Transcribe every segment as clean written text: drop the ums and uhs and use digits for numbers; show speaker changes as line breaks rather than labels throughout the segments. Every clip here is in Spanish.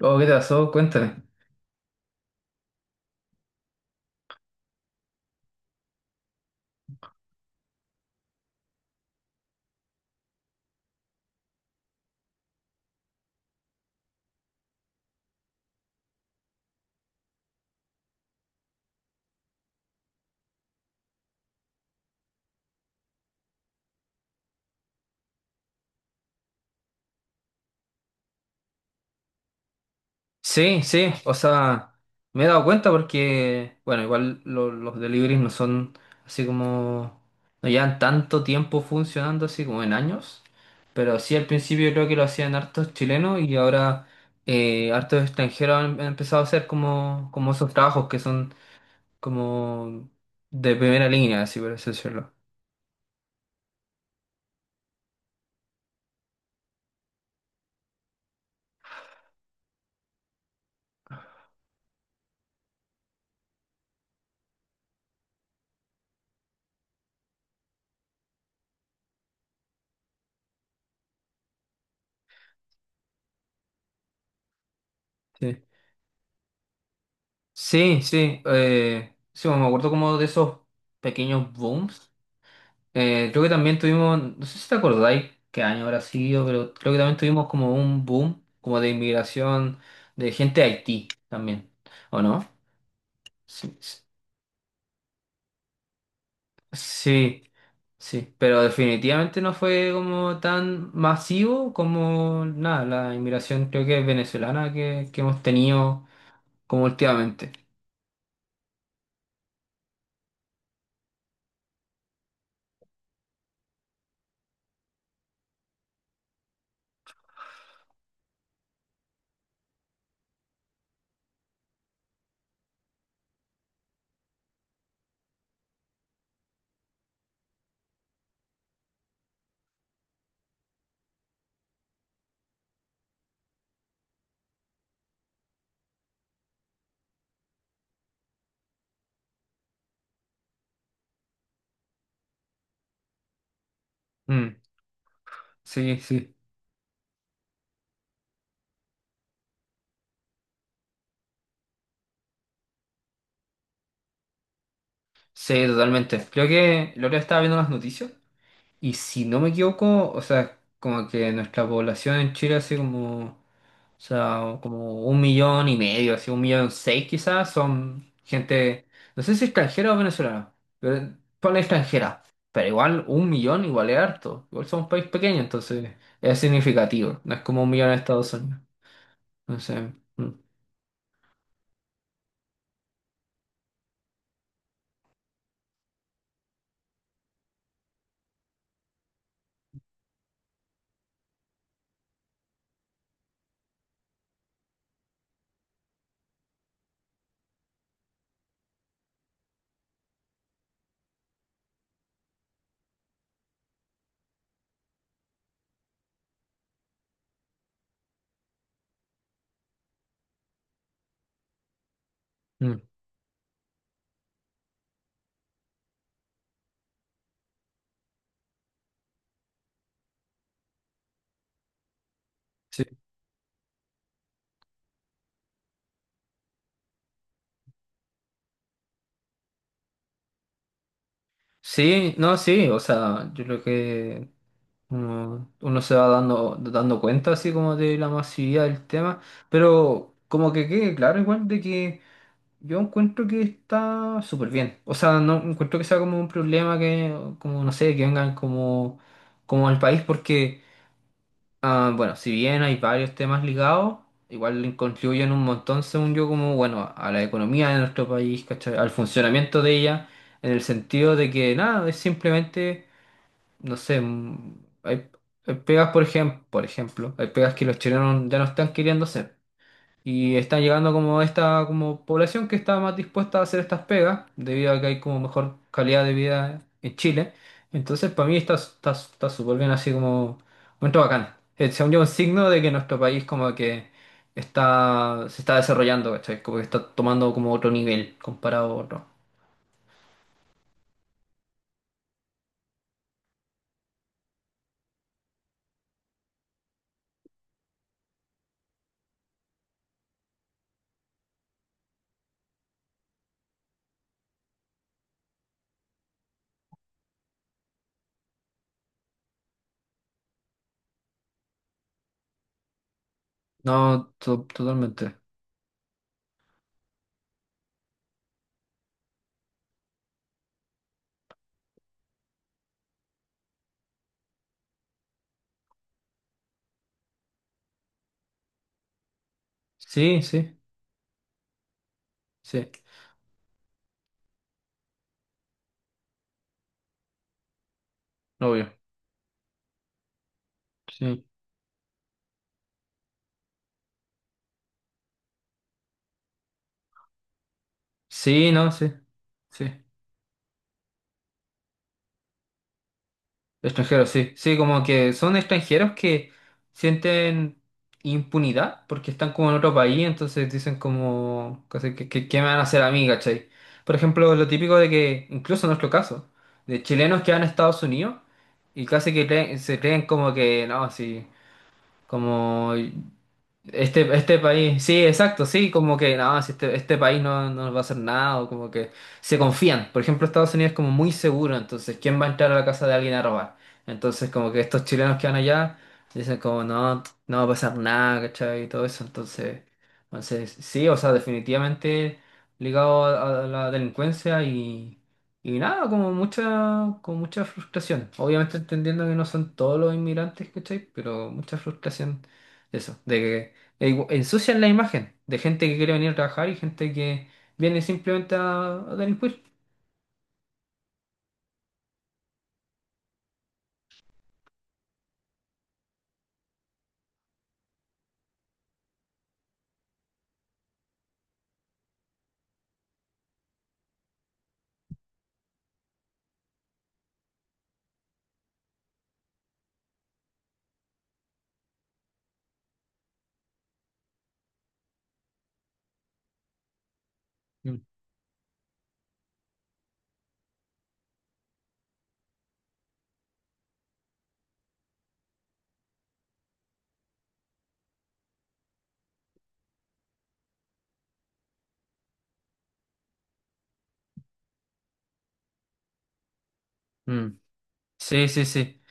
Oh, ¿qué te pasó? Cuéntame. Sí, sí, o sea, me he dado cuenta porque, bueno, igual los deliveries no son así como, no llevan tanto tiempo funcionando así como en años, pero sí al principio creo que lo hacían hartos chilenos y ahora hartos extranjeros han empezado a hacer como, como esos trabajos que son como de primera línea, así por así decirlo. Sí, sí, sí, sí, me acuerdo como de esos pequeños booms. Creo que también tuvimos, no sé si te acordáis qué año habrá sido, pero creo que también tuvimos como un boom como de inmigración de gente de Haití también, ¿o no? Sí, sí, sí, sí, pero definitivamente no fue como tan masivo como nada, la inmigración creo que venezolana que hemos tenido como últimamente. Mm, sí, sí, sí, totalmente. Creo que lo que estaba viendo las noticias. Y si no me equivoco, o sea, como que nuestra población en Chile, así como, o sea, como un millón y medio, así un millón seis quizás, son gente, no sé si extranjera o venezolana, pero ponle extranjera, pero igual un millón igual es harto, igual somos un país pequeño, entonces es significativo, no es como un millón en Estados Unidos, entonces, mm, sí. Sí, no, sí, o sea, yo creo que uno se va dando cuenta así como de la masividad del tema, pero como que quede claro igual de que yo encuentro que está súper bien. O sea, no encuentro que sea como un problema que, como no sé, que vengan como, como al país, porque, ah, bueno, si bien hay varios temas ligados, igual le contribuyen un montón, según yo, como, bueno, a la economía de nuestro país, ¿cachai? Al funcionamiento de ella, en el sentido de que nada, es simplemente no sé, hay, hay pegas, por ejemplo, hay pegas que los chilenos ya no están queriendo hacer. Y están llegando como esta como población que está más dispuesta a hacer estas pegas, debido a que hay como mejor calidad de vida en Chile. Entonces, para mí está súper bien así como momento bacán. Según yo, un signo de que nuestro país como que está, se está desarrollando, ¿cachai? Como que está tomando como otro nivel comparado a otro. No, totalmente. Sí, sí, sí, obvio. Sí. Sí, no, sí, sí. Extranjeros, sí. Sí, como que son extranjeros que sienten impunidad porque están como en otro país, entonces dicen como, casi ¿qué me van a hacer a mí, cachai? Por ejemplo, lo típico de que, incluso en nuestro caso, de chilenos que van a Estados Unidos y casi que se creen como que, no, sí, como Este país, sí, exacto, sí, como que no, si este país no, no nos va a hacer nada, o como que se confían. Por ejemplo, Estados Unidos es como muy seguro, entonces, ¿quién va a entrar a la casa de alguien a robar? Entonces, como que estos chilenos que van allá dicen como no, no va a pasar nada, ¿cachai? Y todo eso, entonces, entonces sí, o sea, definitivamente ligado a la delincuencia y nada, como mucha, con mucha frustración. Obviamente entendiendo que no son todos los inmigrantes, ¿cachai? Pero mucha frustración. Eso, de que ensucian la imagen de gente que quiere venir a trabajar y gente que viene simplemente a delinquir. Mm. Mm. Sí, sí, sí,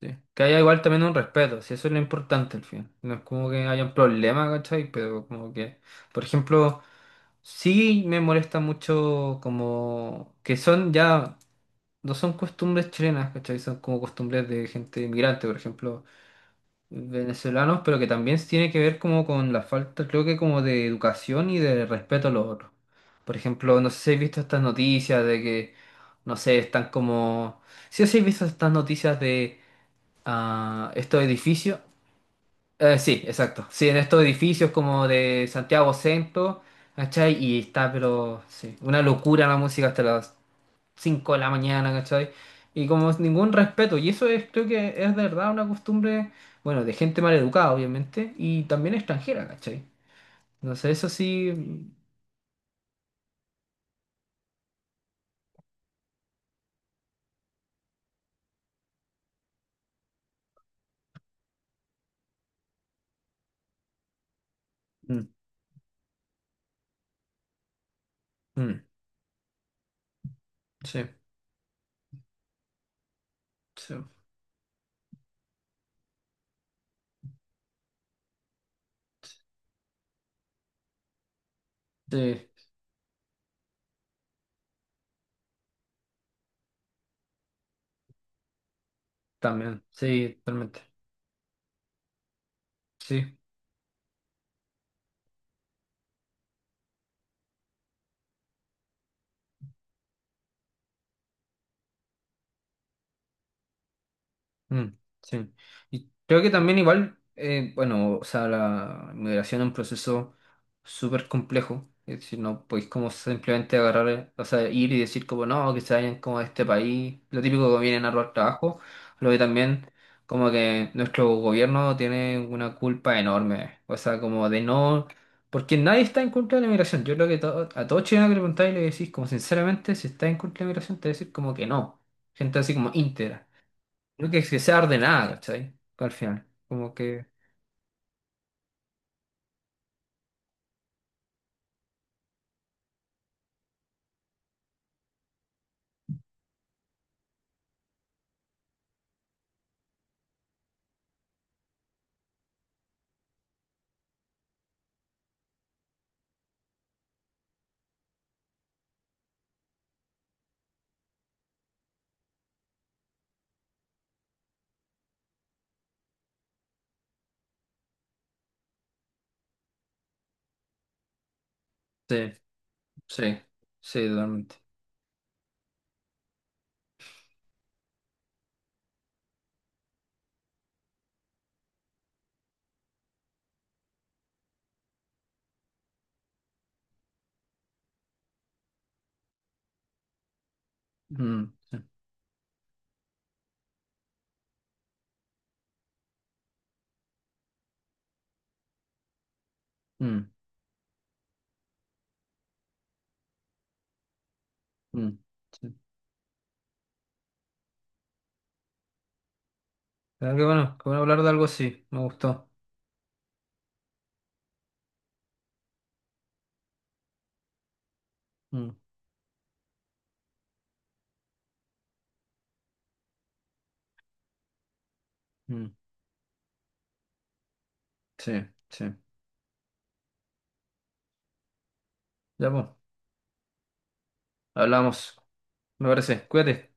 sí. Que haya igual también un respeto, si eso es lo importante al final. No es como que haya un problema, ¿cachai? Pero como que, por ejemplo, sí me molesta mucho como que son ya, no son costumbres chilenas, ¿cachai? Son como costumbres de gente inmigrante, por ejemplo, venezolanos, pero que también tiene que ver como con la falta, creo que como de educación y de respeto a los otros. Por ejemplo, no sé si habéis visto estas noticias de que, no sé, están como... Sí o sí habéis visto estas noticias de estos edificios. Sí, exacto. Sí, en estos edificios como de Santiago Centro, ¿cachai? Y está, pero sí, una locura la música hasta las 5 de la mañana, ¿cachai? Y como es ningún respeto. Y eso es, creo que es de verdad una costumbre, bueno, de gente mal educada, obviamente, y también extranjera, ¿cachai? Entonces, eso sí. Mm, mm, sí, sí, sí, también, sí, totalmente. Sí. Mm, sí. Y creo que también igual, bueno, o sea, la migración es un proceso súper complejo. Es decir, no podéis como simplemente agarrar, o sea, ir y decir como no, que se vayan como a este país. Lo típico que vienen a robar trabajo. Lo que también como que nuestro gobierno tiene una culpa enorme. O sea, como de no... Porque nadie está en contra de la migración. Yo creo que a todo chileno que le preguntáis le decís como sinceramente, si está en contra de la migración, te va a decir como que no. Gente así como íntegra. Creo que, es que sea ordenada, ¿cachai? Al final, como que... Sí, sí, sí, totalmente. Mm, sí, mm, mm, sí. Pero qué bueno hablar de algo así, me gustó. Mm, mm, sí, sí. Ya pues, hablamos, me parece. Cuídate.